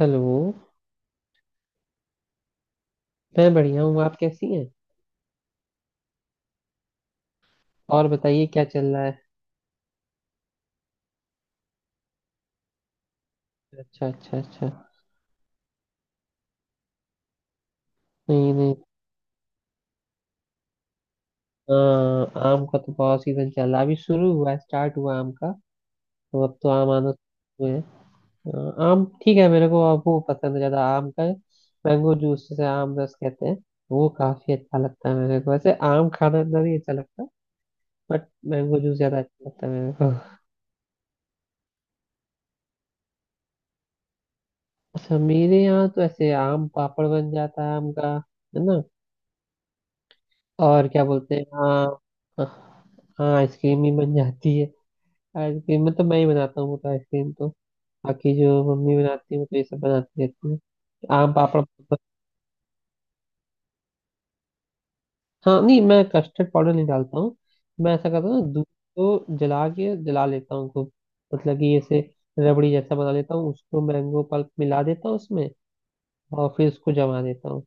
Hello. मैं बढ़िया हूँ। आप कैसी हैं? और बताइए क्या चल रहा है? अच्छा अच्छा अच्छा। नहीं नहीं। हाँ आम का तो बहुत सीजन चल रहा है, अभी शुरू हुआ है, स्टार्ट हुआ आम का। तो अब तो आम आना शुरू हुए हैं। हाँ, आम ठीक है, मेरे को अब वो पसंद है ज़्यादा आम का। मैंगो जूस जिसे आम रस कहते हैं, वो काफ़ी अच्छा लगता है मेरे को। वैसे आम खाना इतना नहीं अच्छा लगता, बट मैंगो जूस ज़्यादा अच्छा लगता है मेरे को। अच्छा, मेरे यहाँ तो ऐसे आम पापड़ बन जाता है आम का। है ना। और क्या बोलते हैं, हाँ। हाँ आइसक्रीम ही बन जाती है। आइसक्रीम में तो मैं ही बनाता हूँ वो, तो आइसक्रीम तो बाकी जो मम्मी बनाती है वो, तो ये सब बनाती रहती है। आम पापड़ पापड़। हाँ, नहीं मैं कस्टर्ड पाउडर नहीं डालता हूँ। मैं ऐसा करता हूँ ना, दूध को जला के जला लेता हूँ खूब। मतलब कि ऐसे रबड़ी जैसा बना लेता हूँ उसको, मैंगो पल्प मिला देता हूँ उसमें, और फिर उसको जमा देता हूँ।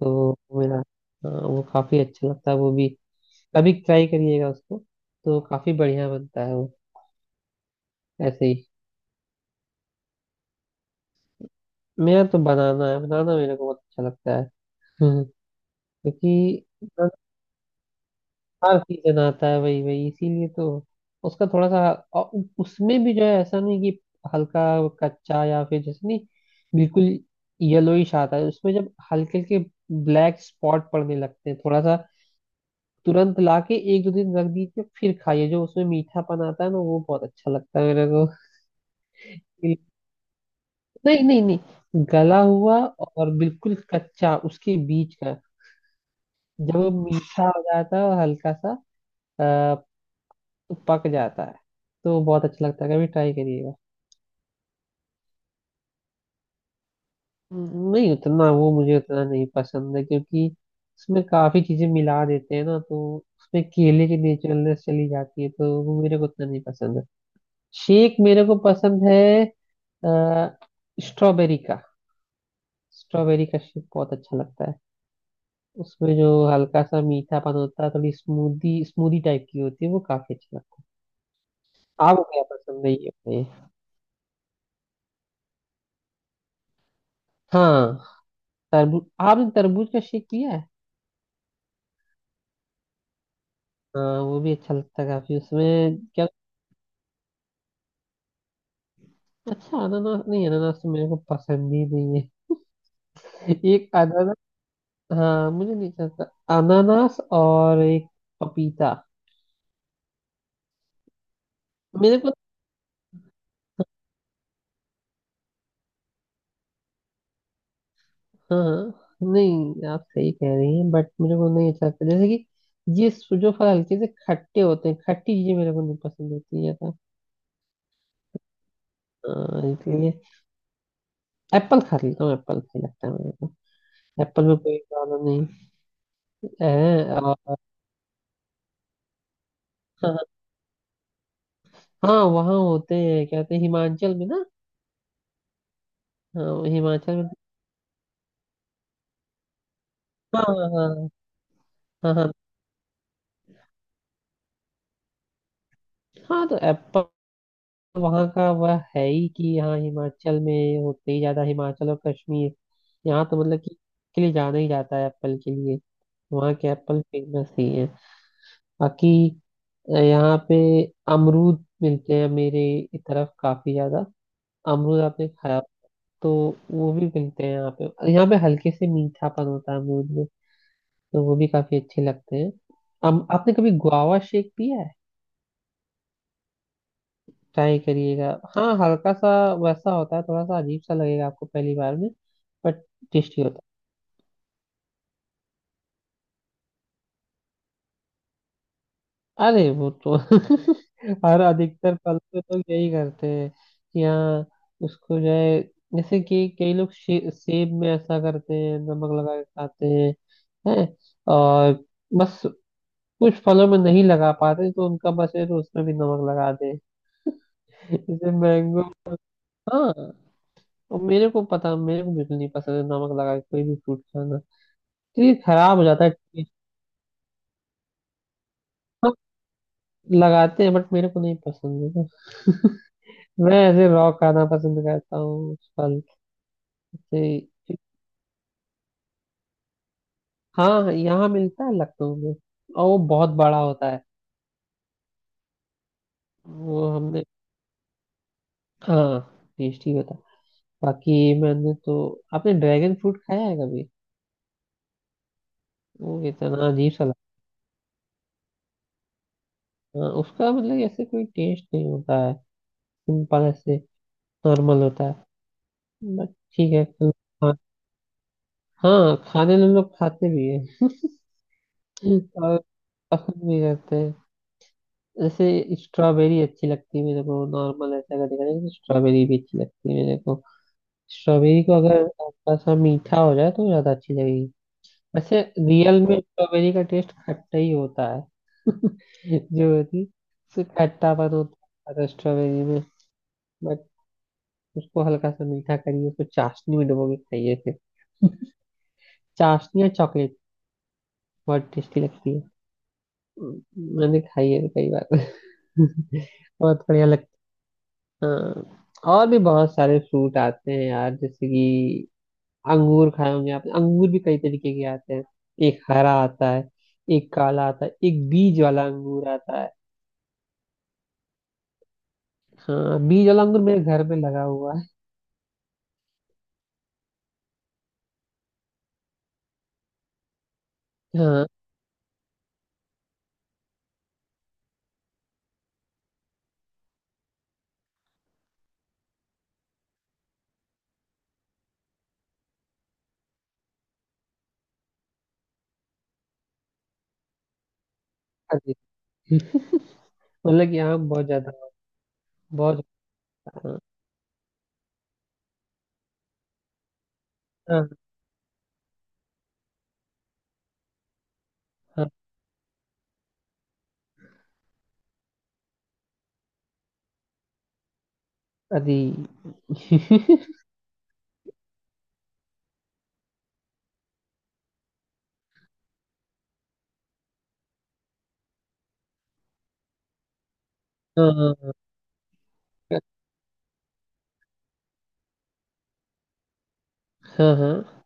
तो वो मेरा। हाँ, वो काफी अच्छा लगता है वो भी, कभी ट्राई करिएगा उसको, तो काफी बढ़िया बनता है वो, ऐसे ही। मेरा तो बनाना है, बनाना मेरे को बहुत अच्छा लगता है। हम्म। क्योंकि बनाना हर सीजन आता है, वही वही इसीलिए तो उसका थोड़ा सा। और उसमें भी जो है ऐसा नहीं कि हल्का कच्चा या फिर जैसे, नहीं बिल्कुल येलोइश आता है उसमें, जब हल्के हल्के ब्लैक स्पॉट पड़ने लगते हैं थोड़ा सा, तुरंत लाके एक दो दिन रख दीजिए, फिर खाइए, जो उसमें मीठापन आता है ना, वो बहुत अच्छा लगता है मेरे को। नहीं नहीं नहीं। गला हुआ और बिल्कुल कच्चा उसके बीच का, जब वो मीठा हो जाता है और हल्का सा अ, पक जाता है, तो बहुत अच्छा लगता है, कभी ट्राई करिएगा। नहीं उतना वो मुझे उतना नहीं पसंद है, क्योंकि उसमें काफी चीजें मिला देते हैं ना, तो उसमें केले की नेचुरलनेस चली जाती है, तो वो मेरे को उतना नहीं पसंद है। शेक मेरे को पसंद है, अ, स्ट्रॉबेरी का। स्ट्रॉबेरी का शेक बहुत अच्छा लगता है, उसमें जो हल्का सा मीठापन होता है, थोड़ी स्मूदी स्मूदी टाइप की होती है, वो काफी अच्छा लगता है। आपको क्या पसंद नहीं है ये बताइए? हाँ, तरबूज। आपने तरबूज का शेक पिया है? हाँ वो भी अच्छा लगता है काफी, उसमें क्या। अच्छा अनानास नहीं, अनानास तो मेरे को पसंद ही नहीं है। एक अनानास। हाँ मुझे नहीं चलता। अनानास और एक पपीता। मेरे को हाँ। नहीं, आप सही कह रही हैं, बट मेरे को नहीं अच्छा लगता, जैसे कि ये जो फल हल्के से खट्टे होते हैं, खट्टी चीजें मेरे को नहीं पसंद होती है ज्यादा। हाँ, इसलिए। एप्पल खा लेता हूँ, एप्पल सही लगता है मेरे को। एप्पल में कोई प्रॉब्लम नहीं है और। हाँ, हाँ वहाँ होते हैं, क्या कहते हैं हिमाचल में ना। हाँ हिमाचल में। हाँ हाँ। हाँ हाँ। हाँ तो एप्पल वहाँ का वह है ही कि, हाँ हिमाचल में होते ही ज्यादा, हिमाचल और कश्मीर। यहाँ तो मतलब कि के लिए जाना ही जाता है एप्पल के लिए। वहाँ के एप्पल फेमस ही है। बाकी यहाँ पे अमरूद मिलते हैं मेरे इस तरफ काफी ज्यादा। अमरूद आपने खाया। तो वो भी मिलते हैं यहाँ पे, यहाँ पे हल्के से मीठापन होता है अमरूद में, तो वो भी काफी अच्छे लगते हैं। आपने कभी गुआवा शेक पिया है? ट्राई करिएगा। हाँ हल्का सा वैसा होता है, थोड़ा सा अजीब सा लगेगा आपको पहली बार में, बट टेस्टी होता है। अरे वो तो और अधिकतर फल पे तो यही करते हैं कि, हाँ उसको जो है, जैसे कि कई लोग सेब में ऐसा करते हैं, नमक लगा के खाते हैं है। और बस कुछ फलों में नहीं लगा पाते, तो उनका बस है तो उसमें भी नमक लगा दे। जैसे मैंगो। हाँ। और मेरे को पता, मेरे को बिल्कुल नहीं पसंद है नमक लगा के कोई भी फ्रूट खाना, क्योंकि खराब हो जाता है taste। हम लगाते हैं बट मेरे को नहीं पसंद है ना। मैं ऐसे रॉ खाना पसंद करता हूँ फल से। हाँ यहाँ मिलता है लखनऊ में, और वो बहुत बड़ा होता है। वो हमने। हाँ टेस्टी होता है। बाकी मैंने तो। आपने ड्रैगन फ्रूट खाया है कभी? वो इतना अजीब सा लगता है उसका, मतलब ऐसे कोई टेस्ट नहीं होता है, सिंपल ऐसे नॉर्मल होता है। बट ठीक है। हाँ खाने में हम लोग खाते भी हैं और पसंद भी करते हैं। जैसे स्ट्रॉबेरी अच्छी लगती है मेरे को नॉर्मल, ऐसा अगर देखा जाए तो स्ट्रॉबेरी भी अच्छी लगती है मेरे को। स्ट्रॉबेरी को अगर थोड़ा सा मीठा हो जाए तो ज्यादा अच्छी लगेगी। वैसे रियल में स्ट्रॉबेरी का टेस्ट खट्टा ही होता है। जो होती है, उससे खट्टापन होता है स्ट्रॉबेरी में। बट उसको हल्का सा मीठा करिए, उसको चाशनी में डुबो के खाइए फिर, चाशनी और चॉकलेट, बहुत टेस्टी लगती है। मैंने खाई है कई बार। बहुत बढ़िया लगता। हाँ और भी बहुत सारे फ्रूट आते हैं यार, जैसे कि अंगूर खाए होंगे आपने, अंगूर भी कई तरीके के आते हैं। एक हरा आता है, एक काला आता है, एक बीज वाला अंगूर आता है। हाँ बीज वाला अंगूर मेरे घर में लगा हुआ है। हाँ। अरे, मतलब कि आम बहुत ज्यादा, बहुत। हाँ हाँ। हाँ, अरे। हाँ हाँ। हाँ हाँ।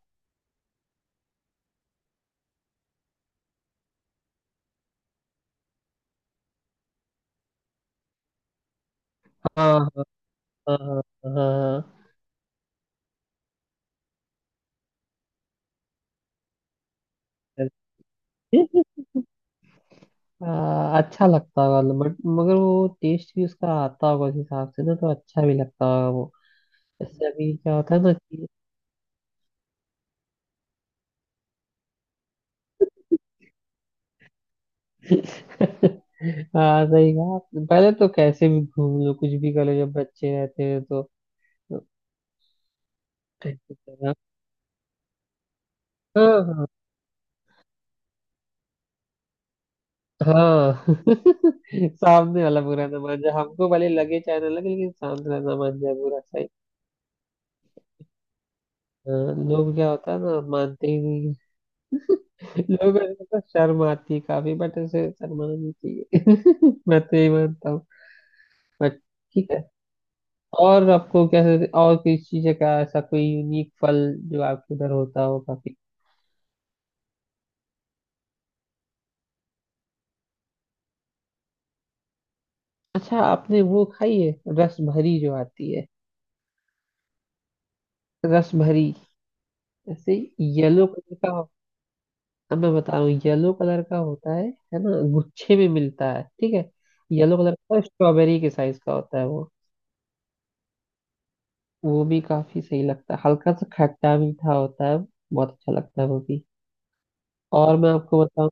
हाँ हाँ। हाँ हाँ, हाँ, हाँ, हाँ, अच्छा लगता होगा, बट मगर वो टेस्ट भी उसका आता होगा उस हिसाब से ना, तो अच्छा भी लगता होगा वो। जैसे अभी क्या होता है ना कि हाँ सही कहा आपने। पहले तो कैसे भी घूम लो, कुछ भी कर लो, जब बच्चे रहते हैं तो। हाँ हाँ। हाँ। सामने वाला बुरा ना मान जाए, हमको भले लगे चाहे ना लगे, लेकिन सामने वाला ना मान जाए बुरा, सही। हाँ, लोग क्या होता है ना, मानते ही नहीं। लोगों को तो शर्म आती है काफी, बट ऐसे शर्माना नहीं चाहिए। मैं तो यही मानता हूँ। बट ठीक है। और आपको कैसे, और कोई चीज का ऐसा कोई यूनिक फल जो आपके उधर होता हो काफी। अच्छा आपने वो खाई है, रस भरी जो आती है? रस भरी ऐसे। येलो कलर का हो- अब मैं बता रहा हूँ येलो कलर का होता है ना, गुच्छे में मिलता है, ठीक है। येलो कलर का स्ट्रॉबेरी के साइज का होता है वो। वो भी काफी सही लगता है, हल्का सा खट्टा मीठा होता है, बहुत अच्छा लगता है वो भी। और मैं आपको बताऊं।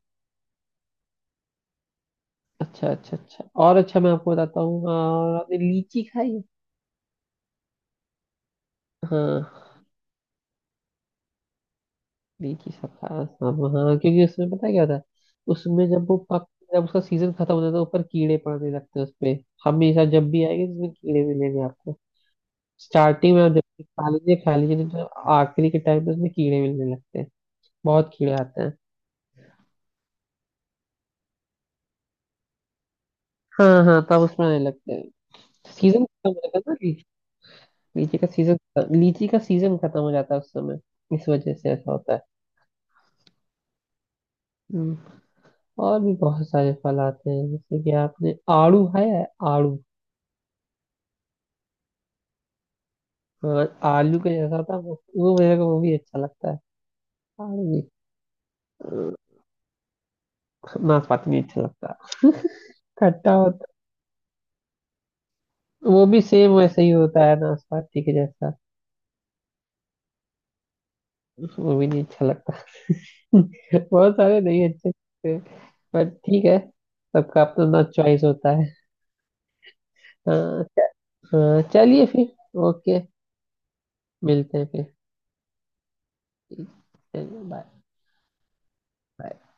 अच्छा अच्छा अच्छा, और अच्छा मैं आपको बताता हूँ, और आपने लीची खाई है? हाँ लीची सब खा, सब हाँ क्योंकि उसमें पता है क्या होता है, उसमें जब वो पक, जब उसका सीजन खत्म हो जाता है तो ऊपर कीड़े पड़ने लगते हैं उसपे। हमेशा जब भी आएंगे तो उसमें कीड़े मिलेंगे आपको। स्टार्टिंग में आप जब भी खा लीजिए खा लीजिए, नहीं तो आखिरी के टाइम पे उसमें कीड़े मिलने लगते हैं, बहुत कीड़े आते हैं। हाँ हाँ तब उसमें आने लगते हैं। सीजन खत्म हो जाता है ना, लीची का सीजन। लीची का सीजन खत्म हो जाता है उस समय, इस वजह से ऐसा होता है। हम्म। और भी बहुत सारे फल आते हैं जैसे कि आपने आड़ू खाया है? आड़ू। हाँ, आलू का जैसा होता है वो मेरे को वो भी अच्छा लगता है, आड़ू भी। अ, नाशपाती भी अच्छा लगता है। खट्टा होता है। वो भी सेम वैसे ही होता है नाशपाती के जैसा। वो भी नहीं अच्छा लगता। बहुत सारे नहीं अच्छे लगते, पर ठीक है, सबका अपना अपना चॉइस होता है। हाँ। हाँ चलिए फिर। ओके। मिलते हैं फिर। then but। but।